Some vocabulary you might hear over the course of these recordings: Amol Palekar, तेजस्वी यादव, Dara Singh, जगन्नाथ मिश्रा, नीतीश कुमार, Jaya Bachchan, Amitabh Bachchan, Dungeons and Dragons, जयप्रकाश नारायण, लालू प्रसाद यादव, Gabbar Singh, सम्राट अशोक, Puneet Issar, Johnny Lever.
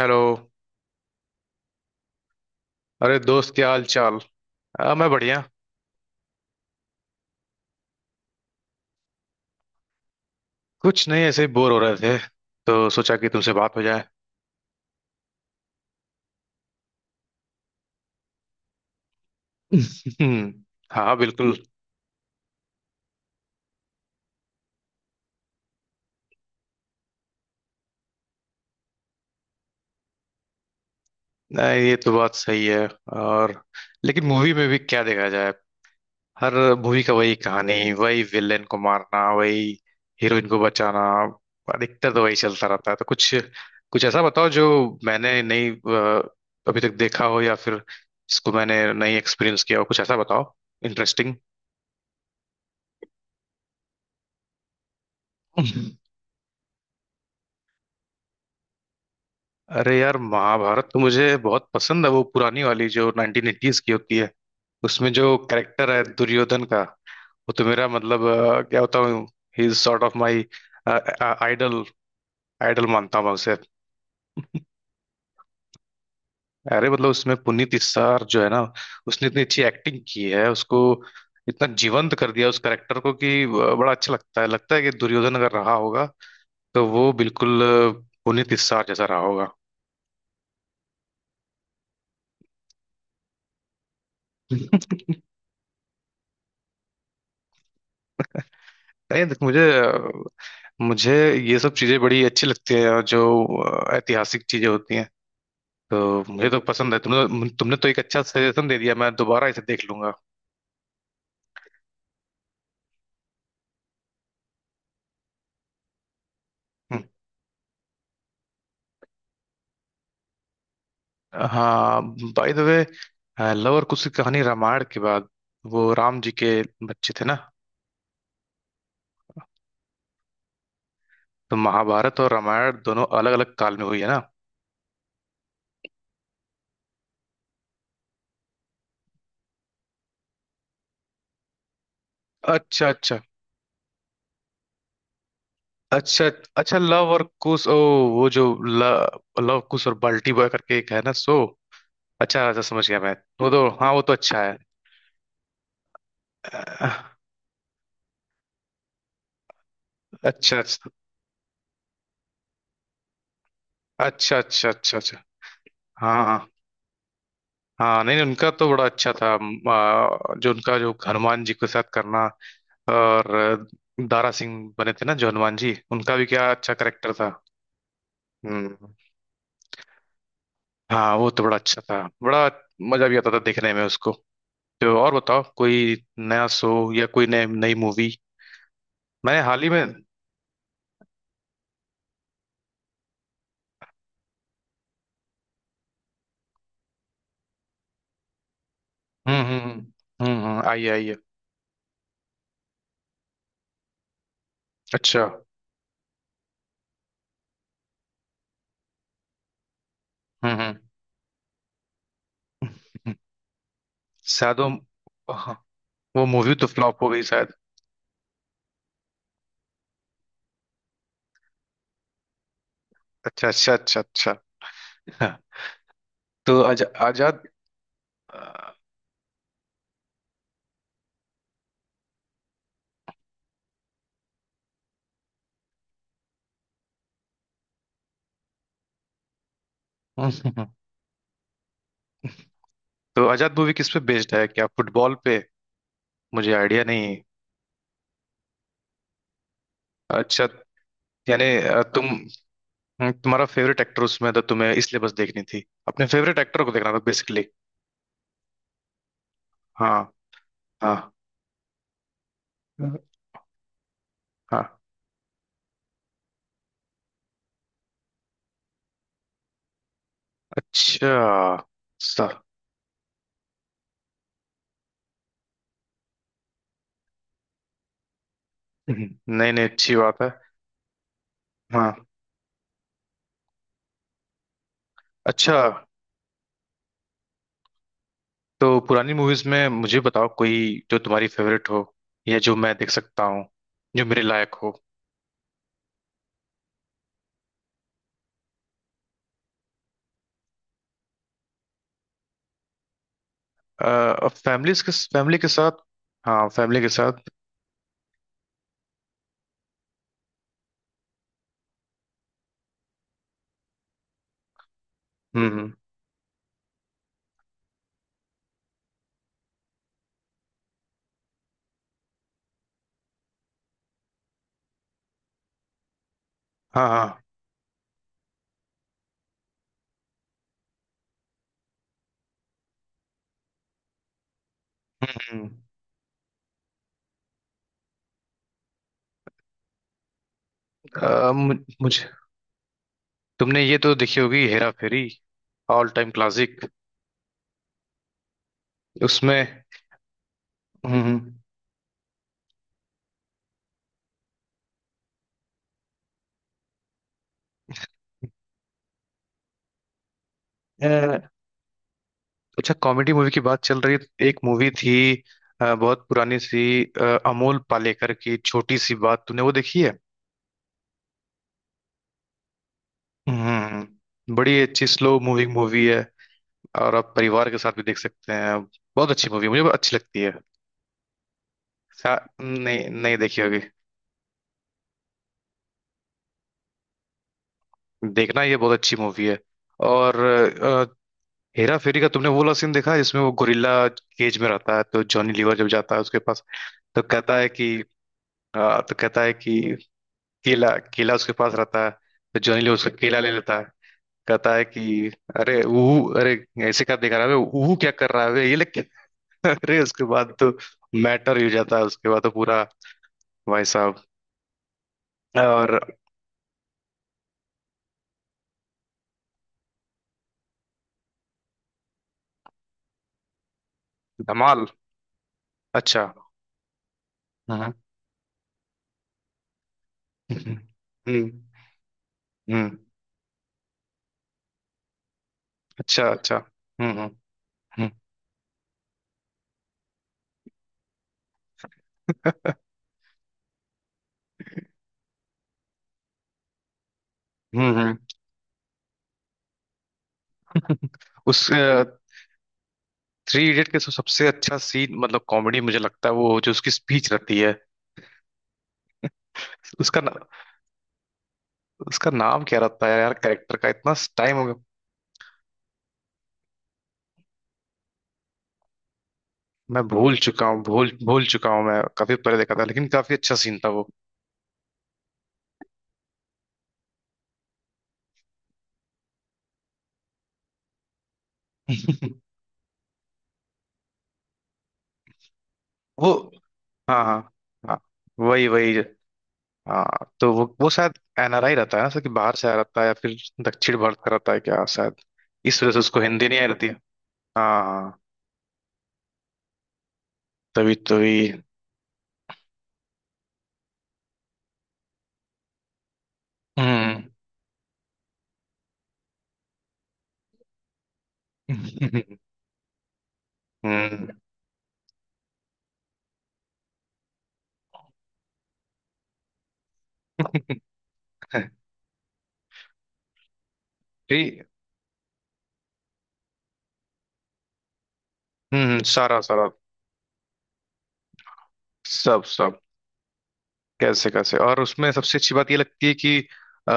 Hello. अरे दोस्त, क्या हाल चाल? मैं बढ़िया। कुछ नहीं, ऐसे ही बोर हो रहे थे तो सोचा कि तुमसे बात हो जाए। हम्म, हाँ बिल्कुल। नहीं, ये तो बात सही है। और लेकिन मूवी में भी क्या देखा जाए? हर मूवी का वही कहानी, वही विलेन को मारना, वही हीरोइन को बचाना। अधिकतर तो वही चलता रहता है तो कुछ कुछ ऐसा बताओ जो मैंने नहीं अभी तक देखा हो, या फिर जिसको मैंने नहीं एक्सपीरियंस किया हो। कुछ ऐसा बताओ इंटरेस्टिंग। अरे यार, महाभारत तो मुझे बहुत पसंद है, वो पुरानी वाली जो 1980s की होती है। उसमें जो कैरेक्टर है दुर्योधन का, वो तो मेरा मतलब, क्या होता हूँ, ही is sort of my idol. Idol मानता हूँ मैं उसे। अरे मतलब उसमें पुनीत इस्सार जो है ना, उसने इतनी अच्छी एक्टिंग की है, उसको इतना जीवंत कर दिया उस कैरेक्टर को कि बड़ा अच्छा लगता है। लगता है कि दुर्योधन अगर रहा होगा तो वो बिल्कुल पुनीत इस्सार जैसा रहा होगा। नहीं, देख मुझे मुझे ये सब चीजें बड़ी अच्छी लगती है। और जो ऐतिहासिक चीजें होती हैं, तो मुझे तो पसंद है। तुमने तुमने तो एक अच्छा सजेशन दे दिया, मैं दोबारा इसे देख लूंगा। हम्म। हाँ, बाय द वे, लव और कुश की कहानी रामायण के बाद। वो राम जी के बच्चे थे ना। तो महाभारत और रामायण दोनों अलग अलग काल में हुई है ना। अच्छा अच्छा। अच्छा अच्छा लव और कुश। ओ, वो जो लव कुश और बाल्टी बॉय करके एक है ना सो। अच्छा अच्छा, समझ गया मैं। वो तो हाँ, वो तो अच्छा है। अह, अच्छा अच्छा। अच्छा अच्छा अच्छा अच्छा। हाँ हाँ। हाँ नहीं नहीं, उनका तो बड़ा अच्छा था। जो उनका, जो हनुमान जी के साथ करना। और दारा सिंह बने थे ना जो हनुमान जी, उनका भी क्या अच्छा करेक्टर था। हम्म। हाँ वो तो बड़ा अच्छा था। बड़ा मजा भी आता था देखने में उसको। तो और बताओ कोई नया शो या कोई नई नई मूवी? मैंने हाल ही में हम्म। हम्म आई है, आई है। अच्छा। हम्म हम्म। हम्म। शायद वो, हाँ, वो मूवी तो फ्लॉप हो गई शायद। अच्छा अच्छा अच्छा अच्छा। हाँ। तो आजाद। अ, तो आजाद मूवी किस पे बेस्ड है? क्या फुटबॉल पे? मुझे आइडिया नहीं। अच्छा, यानी तुम्हारा फेवरेट एक्टर उसमें था तुम्हें, इसलिए बस देखनी थी, अपने फेवरेट एक्टर को देखना था बेसिकली। हाँ हाँ। हाँ। अच्छा। सा नहीं नहीं, अच्छी बात है। हाँ। अच्छा। तो पुरानी मूवीज में मुझे बताओ कोई जो तुम्हारी फेवरेट हो, या जो मैं देख सकता हूँ, जो मेरे लायक हो। अ, अब फैमिली के साथ, हाँ फैमिली के साथ। हम्म हम्म, हाँ हाँ। हम्म। मुझे, तुमने ये तो देखी होगी Hera Pheri? All time classic. उसमें हम्म हम्म, अ, अच्छा कॉमेडी मूवी की बात चल रही है तो एक मूवी थी, बहुत पुरानी सी, अमोल पालेकर की छोटी सी बात, तूने वो देखी है? हम्म हम्म, हम्म, बड़ी अच्छी स्लो मूविंग मूवी है, और आप परिवार के साथ भी देख सकते हैं। बहुत अच्छी मूवी, मुझे बहुत अच्छी लगती है। सा- नहीं नहीं, देखी होगी, देखना ये बहुत अच्छी मूवी है। और हेरा फेरी का तुमने वो वाला सीन देखा है जिसमें वो गोरिल्ला केज में रहता है तो जॉनी लीवर जब जाता है उसके पास, तो कहता है कि, अ, तो कहता है कि केला केला उसके पास रहता है तो जॉनी लीवर उसका केला ले लेता है, कहता है कि अरे ऊ, अरे ऐसे क्या देख रहा है बे? ऊ क्या कर रहा है बे? ये लेके अरे उसके बाद तो मैटर ही हो जाता है उसके बाद तो पूरा, भाई साहब। और धमाल। अच्छा। हाँ। हम्म हम्म हम्म, अच्छा अच्छा। हम्म हम्म। हम्म हम्म। उस थ्री इडियट के सबसे अच्छा सीन मतलब कॉमेडी मुझे लगता है वो जो उसकी स्पीच रहती है उसका ना, उसका नाम क्या रहता है यार कैरेक्टर का? इतना टाइम हो गया मैं भूल चुका हूँ, भूल भूल चुका हूँ मैं, काफी पहले देखा था, लेकिन काफी अच्छा सीन था वो। वो हाँ हाँ हाँ, वही वही। हाँ तो वो शायद एनआरआई रहता है ना सर, कि बाहर से आया रहता है या फिर दक्षिण भारत का रहता है क्या शायद, इस वजह से उसको हिंदी नहीं आई रहती है। हाँ हाँ तभी तभी। हम्म। हम्म। ठीक। हम्म, सारा सारा, सब सब, कैसे कैसे। और उसमें सबसे अच्छी बात ये लगती है कि अ,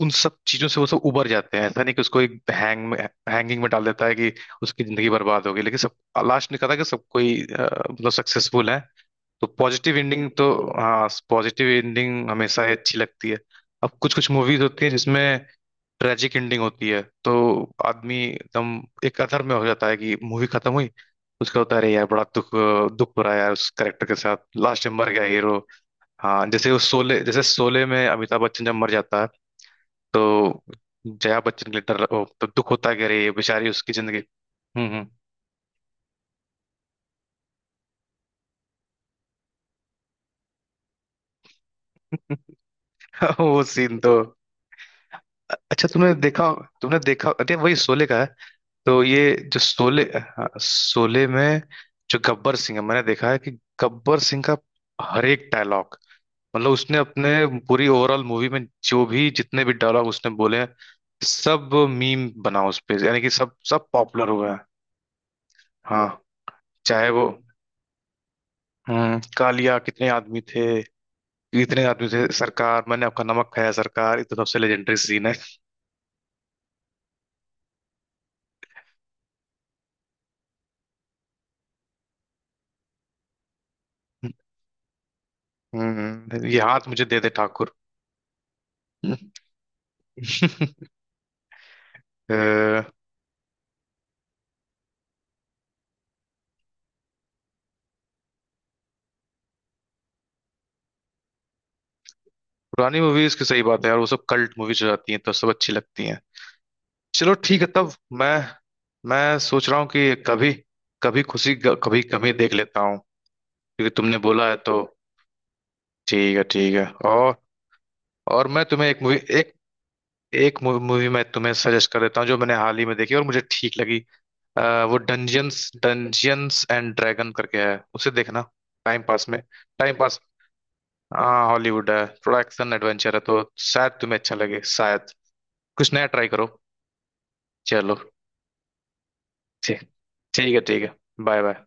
उन सब चीजों से वो सब उबर जाते हैं। ऐसा नहीं कि उसको एक हैंग में, हैंगिंग में डाल देता है कि उसकी जिंदगी बर्बाद हो गई, लेकिन सब लास्ट निकला था कि सब कोई, मतलब सक्सेसफुल है, तो पॉजिटिव एंडिंग तो, हाँ पॉजिटिव एंडिंग हमेशा ही अच्छी लगती है। अब कुछ कुछ मूवीज होती है जिसमें ट्रेजिक एंडिंग होती है, तो आदमी एकदम एक अथर में हो जाता है कि मूवी खत्म हुई। उसका होता है अरे यार, बड़ा दुख, दुख हो रहा है यार उस करेक्टर के साथ, लास्ट में मर गया हीरो। हाँ, जैसे वो शोले, जैसे शोले में अमिताभ बच्चन जब मर जाता है तो जया बच्चन के लिए डर ओ, तो दुख होता है कि अरे ये बेचारी, उसकी जिंदगी। हम्म। हम्म। वो सीन तो, अच्छा तुमने देखा, तुमने देखा? अरे वही शोले का है। तो ये जो शोले, हाँ शोले में जो गब्बर सिंह है, मैंने देखा है कि गब्बर सिंह का हर एक डायलॉग, मतलब उसने अपने पूरी ओवरऑल मूवी में जो भी जितने भी डायलॉग उसने बोले हैं, सब मीम बना उस पे, यानी कि सब सब पॉपुलर हुआ है। हाँ, चाहे वो हम्म, कालिया कितने आदमी थे, इतने आदमी थे सरकार, मैंने आपका नमक खाया सरकार, ये तो सबसे लेजेंडरी सीन है। हम्म, ये हाथ मुझे दे दे ठाकुर। अ, पुरानी मूवीज की सही बात है यार, वो सब कल्ट मूवीज हो जाती हैं तो सब अच्छी लगती हैं। चलो ठीक है तब। मैं मैं सोच रहा हूँ कि कभी कभी खुशी कभी कमी देख लेता हूँ, क्योंकि तुमने बोला है तो। ठीक है ठीक है। और मैं तुम्हें एक मूवी, एक एक मूवी मैं तुम्हें सजेस्ट कर देता हूँ जो मैंने हाल ही में देखी और मुझे ठीक लगी। अ, वो डंजियंस डंजियंस एंड ड्रैगन करके है, उसे देखना टाइम पास में। टाइम पास, हाँ हॉलीवुड है, थोड़ा एक्शन एडवेंचर है तो शायद तुम्हें अच्छा लगे। शायद कुछ नया ट्राई करो। चलो ठीक। ठीक है ठीक है। Bye bye.